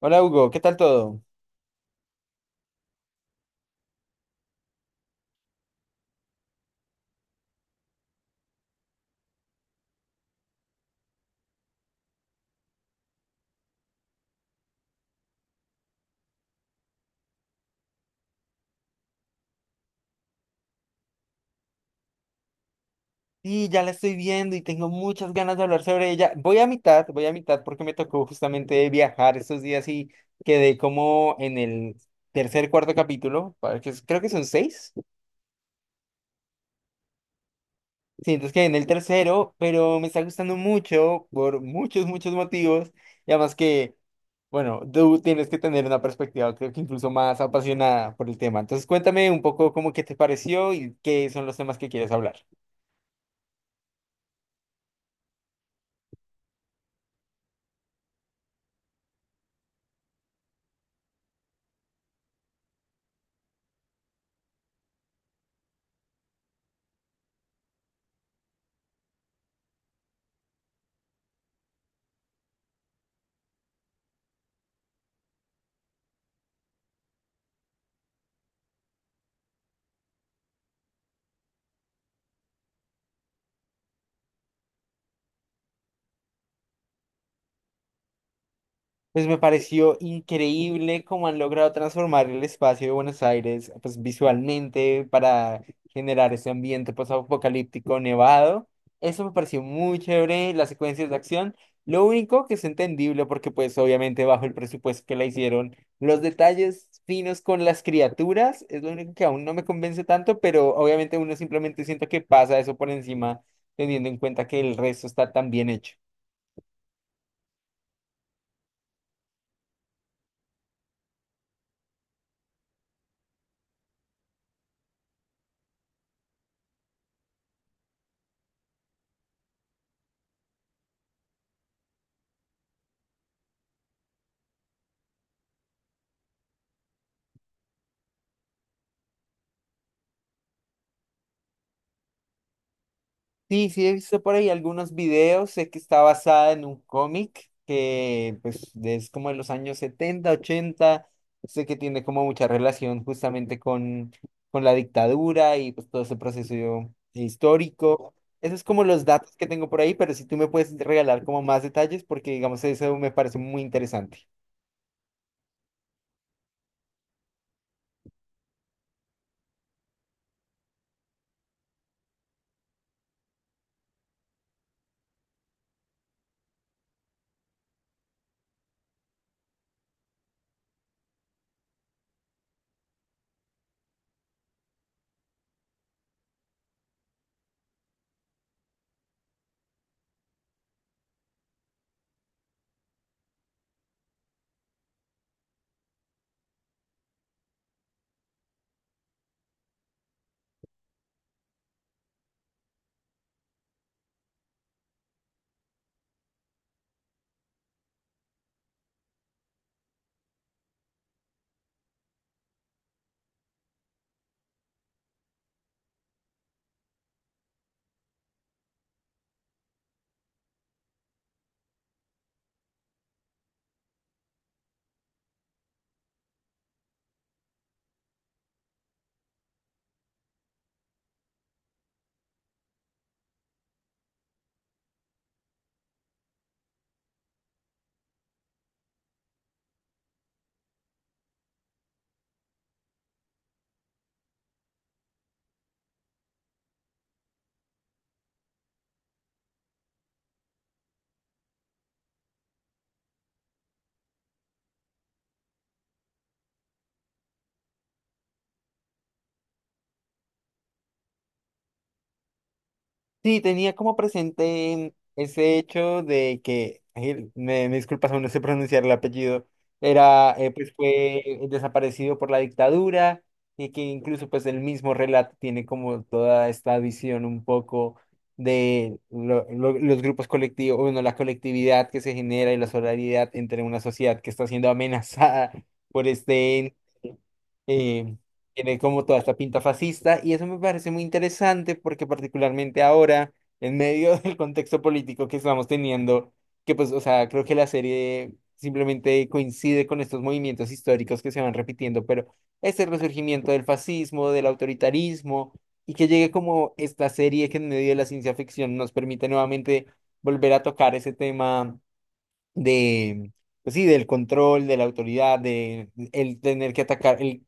Hola Hugo, ¿qué tal todo? Sí, ya la estoy viendo y tengo muchas ganas de hablar sobre ella. Voy a mitad porque me tocó justamente viajar estos días y quedé como en el tercer, cuarto capítulo, creo que son seis. Sí, entonces quedé en el tercero, pero me está gustando mucho por muchos, muchos motivos. Y además que, bueno, tú tienes que tener una perspectiva, creo que incluso más apasionada por el tema. Entonces cuéntame un poco cómo que te pareció y qué son los temas que quieres hablar. Pues me pareció increíble cómo han logrado transformar el espacio de Buenos Aires, pues visualmente para generar ese ambiente post-apocalíptico nevado. Eso me pareció muy chévere, las secuencias de acción. Lo único que es entendible porque pues obviamente bajo el presupuesto que la hicieron, los detalles finos con las criaturas es lo único que aún no me convence tanto, pero obviamente uno simplemente siento que pasa eso por encima, teniendo en cuenta que el resto está tan bien hecho. Sí, sí, he visto por ahí algunos videos, sé que está basada en un cómic que pues es como de los años 70, 80. Sé que tiene como mucha relación justamente con la dictadura y pues todo ese proceso histórico. Eso es como los datos que tengo por ahí, pero si tú me puedes regalar como más detalles porque digamos eso me parece muy interesante. Sí, tenía como presente ese hecho de que, ay, me disculpas, aún no sé pronunciar el apellido, era, pues fue desaparecido por la dictadura y que incluso pues el mismo relato tiene como toda esta visión un poco de los grupos colectivos, bueno, la colectividad que se genera y la solidaridad entre una sociedad que está siendo amenazada por este eh, tiene como toda esta pinta fascista y eso me parece muy interesante porque particularmente ahora, en medio del contexto político que estamos teniendo, que pues, o sea, creo que la serie simplemente coincide con estos movimientos históricos que se van repitiendo, pero este resurgimiento del fascismo, del autoritarismo y que llegue como esta serie que en medio de la ciencia ficción nos permite nuevamente volver a tocar ese tema de, pues sí, del control, de la autoridad, de el tener que atacar, el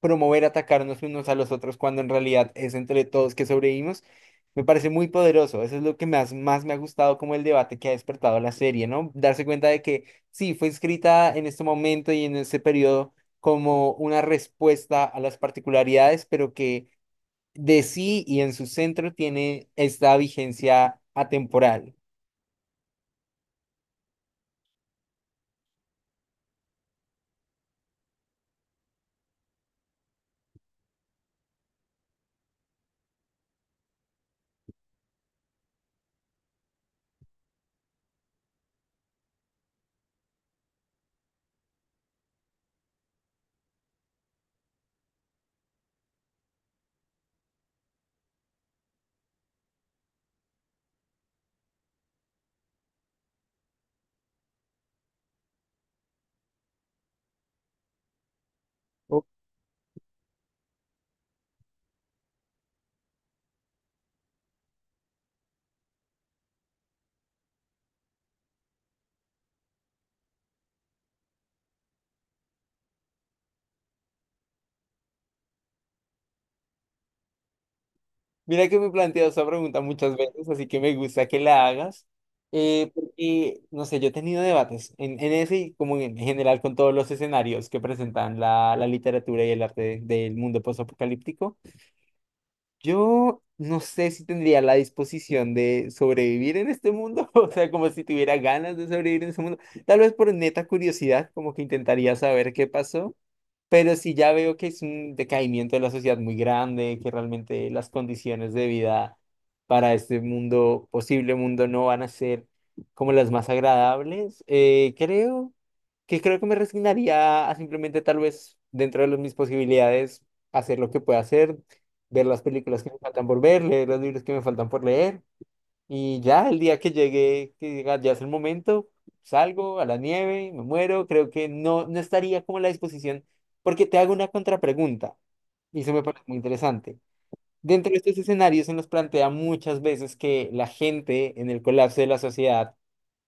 promover atacarnos unos a los otros cuando en realidad es entre todos que sobrevivimos, me parece muy poderoso. Eso es lo que más, más me ha gustado como el debate que ha despertado la serie, ¿no? Darse cuenta de que sí, fue escrita en este momento y en ese periodo como una respuesta a las particularidades, pero que de sí y en su centro tiene esta vigencia atemporal. Mira que me he planteado esa pregunta muchas veces, así que me gusta que la hagas, porque, no sé, yo he tenido debates en ese y como en general con todos los escenarios que presentan la literatura y el arte del mundo postapocalíptico. Yo no sé si tendría la disposición de sobrevivir en este mundo, o sea, como si tuviera ganas de sobrevivir en ese mundo, tal vez por neta curiosidad, como que intentaría saber qué pasó. Pero si ya veo que es un decaimiento de la sociedad muy grande, que realmente las condiciones de vida para este mundo, posible mundo, no van a ser como las más agradables, creo que me resignaría a simplemente tal vez dentro de mis posibilidades hacer lo que pueda hacer, ver las películas que me faltan por ver, leer los libros que me faltan por leer y ya el día que llegue, que diga, ya es el momento, salgo a la nieve, me muero, creo que no, no estaría como a la disposición, porque te hago una contrapregunta, y eso me parece muy interesante. Dentro de estos escenarios se nos plantea muchas veces que la gente en el colapso de la sociedad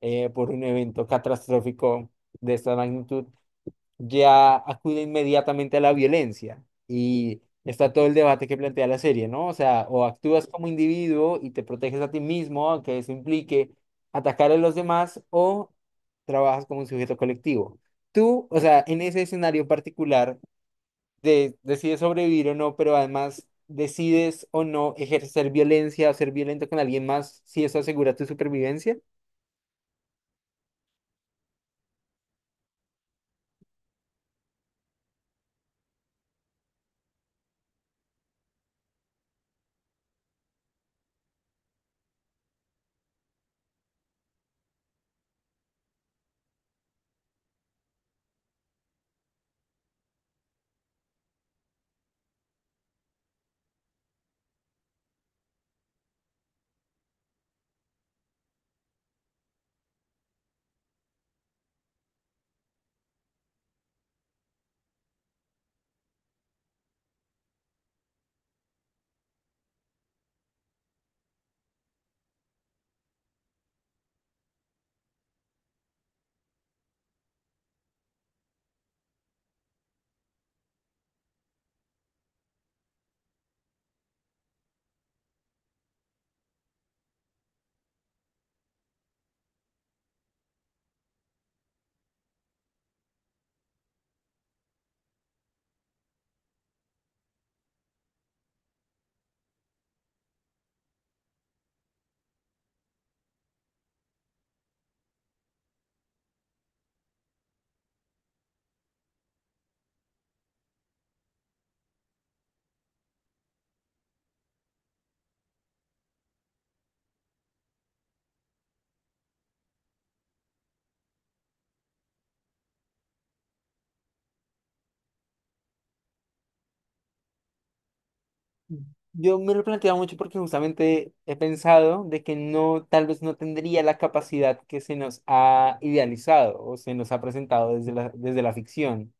por un evento catastrófico de esta magnitud ya acude inmediatamente a la violencia. Y está todo el debate que plantea la serie, ¿no? O sea, o actúas como individuo y te proteges a ti mismo, aunque eso implique atacar a los demás, o trabajas como un sujeto colectivo. Tú, o sea, en ese escenario particular, decides sobrevivir o no, pero además decides o no ejercer violencia o ser violento con alguien más si eso asegura tu supervivencia. Yo me lo he planteado mucho porque justamente he pensado de que no, tal vez no tendría la capacidad que se nos ha idealizado o se nos ha presentado desde la ficción.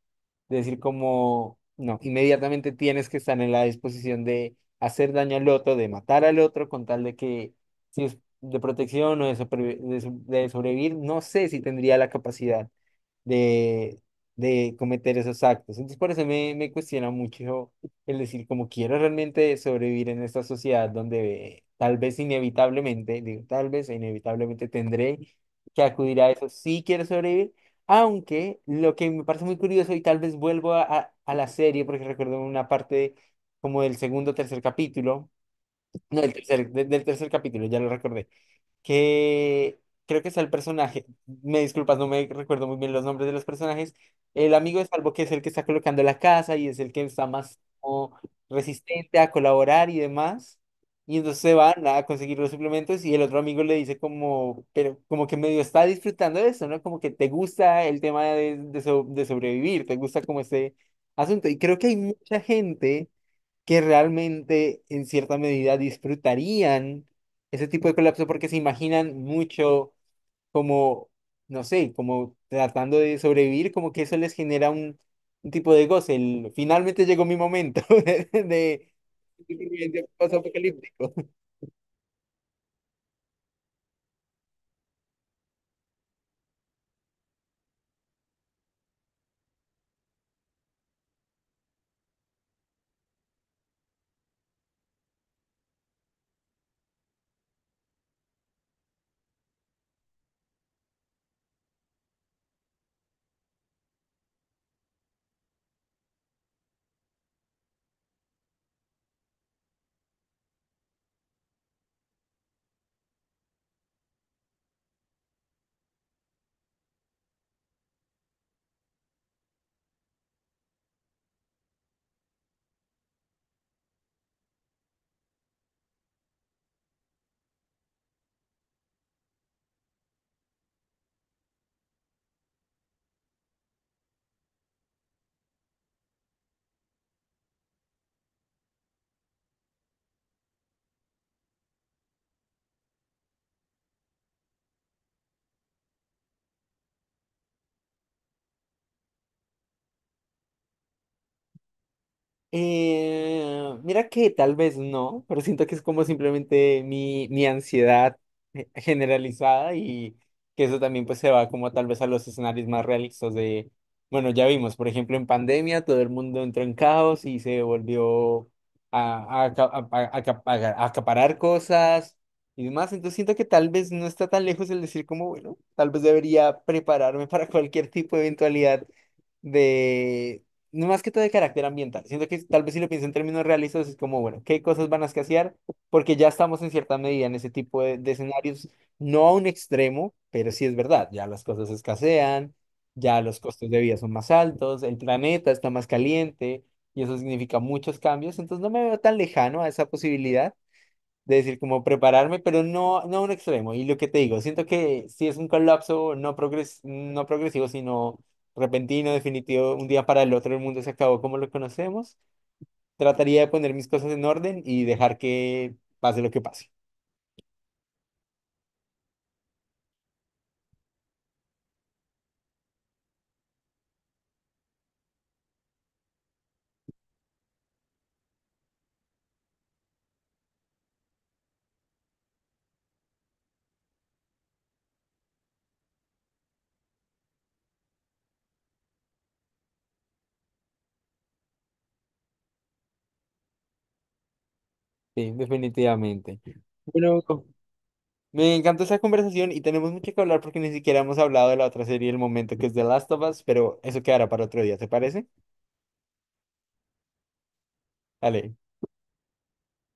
De decir como, no, inmediatamente tienes que estar en la disposición de hacer daño al otro, de matar al otro, con tal de que si es de protección o de sobrevivir, no sé si tendría la capacidad de, de cometer esos actos. Entonces, por eso me cuestiona mucho el decir, como quiero realmente sobrevivir en esta sociedad donde tal vez inevitablemente, digo, tal vez e inevitablemente tendré que acudir a eso si quiero sobrevivir. Aunque lo que me parece muy curioso, y tal vez vuelvo a la serie, porque recuerdo una parte como del segundo o tercer capítulo, no, del tercer, del tercer capítulo, ya lo recordé que creo que es el personaje, me disculpas, no me recuerdo muy bien los nombres de los personajes, el amigo de Salvo que es el que está colocando la casa y es el que está más como resistente a colaborar y demás, y entonces se van a conseguir los suplementos y el otro amigo le dice como, pero como que medio está disfrutando de eso, ¿no? Como que te gusta el tema de, de sobrevivir, te gusta como ese asunto, y creo que hay mucha gente que realmente en cierta medida disfrutarían ese tipo de colapso porque se imaginan mucho como, no sé, como tratando de sobrevivir, como que eso les genera un tipo de goce. Finalmente llegó mi momento de, de, mira que tal vez no, pero siento que es como simplemente mi ansiedad generalizada y que eso también pues se va como tal vez a los escenarios más realistas de, bueno, ya vimos, por ejemplo, en pandemia todo el mundo entró en caos y se volvió a, a aca- a- a- aca- a- acaparar cosas y demás, entonces siento que tal vez no está tan lejos el decir como, bueno, tal vez debería prepararme para cualquier tipo de eventualidad no más que todo de carácter ambiental. Siento que tal vez si lo pienso en términos realistas, es como, bueno, ¿qué cosas van a escasear? Porque ya estamos en cierta medida en ese tipo de escenarios, no a un extremo, pero sí es verdad, ya las cosas escasean, ya los costos de vida son más altos, el planeta está más caliente y eso significa muchos cambios, entonces no me veo tan lejano a esa posibilidad de decir como prepararme, pero no, no a un extremo. Y lo que te digo, siento que si es un colapso no progresivo, sino repentino, definitivo, un día para el otro el mundo se acabó como lo conocemos, trataría de poner mis cosas en orden y dejar que pase lo que pase. Sí, definitivamente. Bueno, me encantó esa conversación y tenemos mucho que hablar porque ni siquiera hemos hablado de la otra serie del momento que es The Last of Us, pero eso quedará para otro día, ¿te parece? Dale.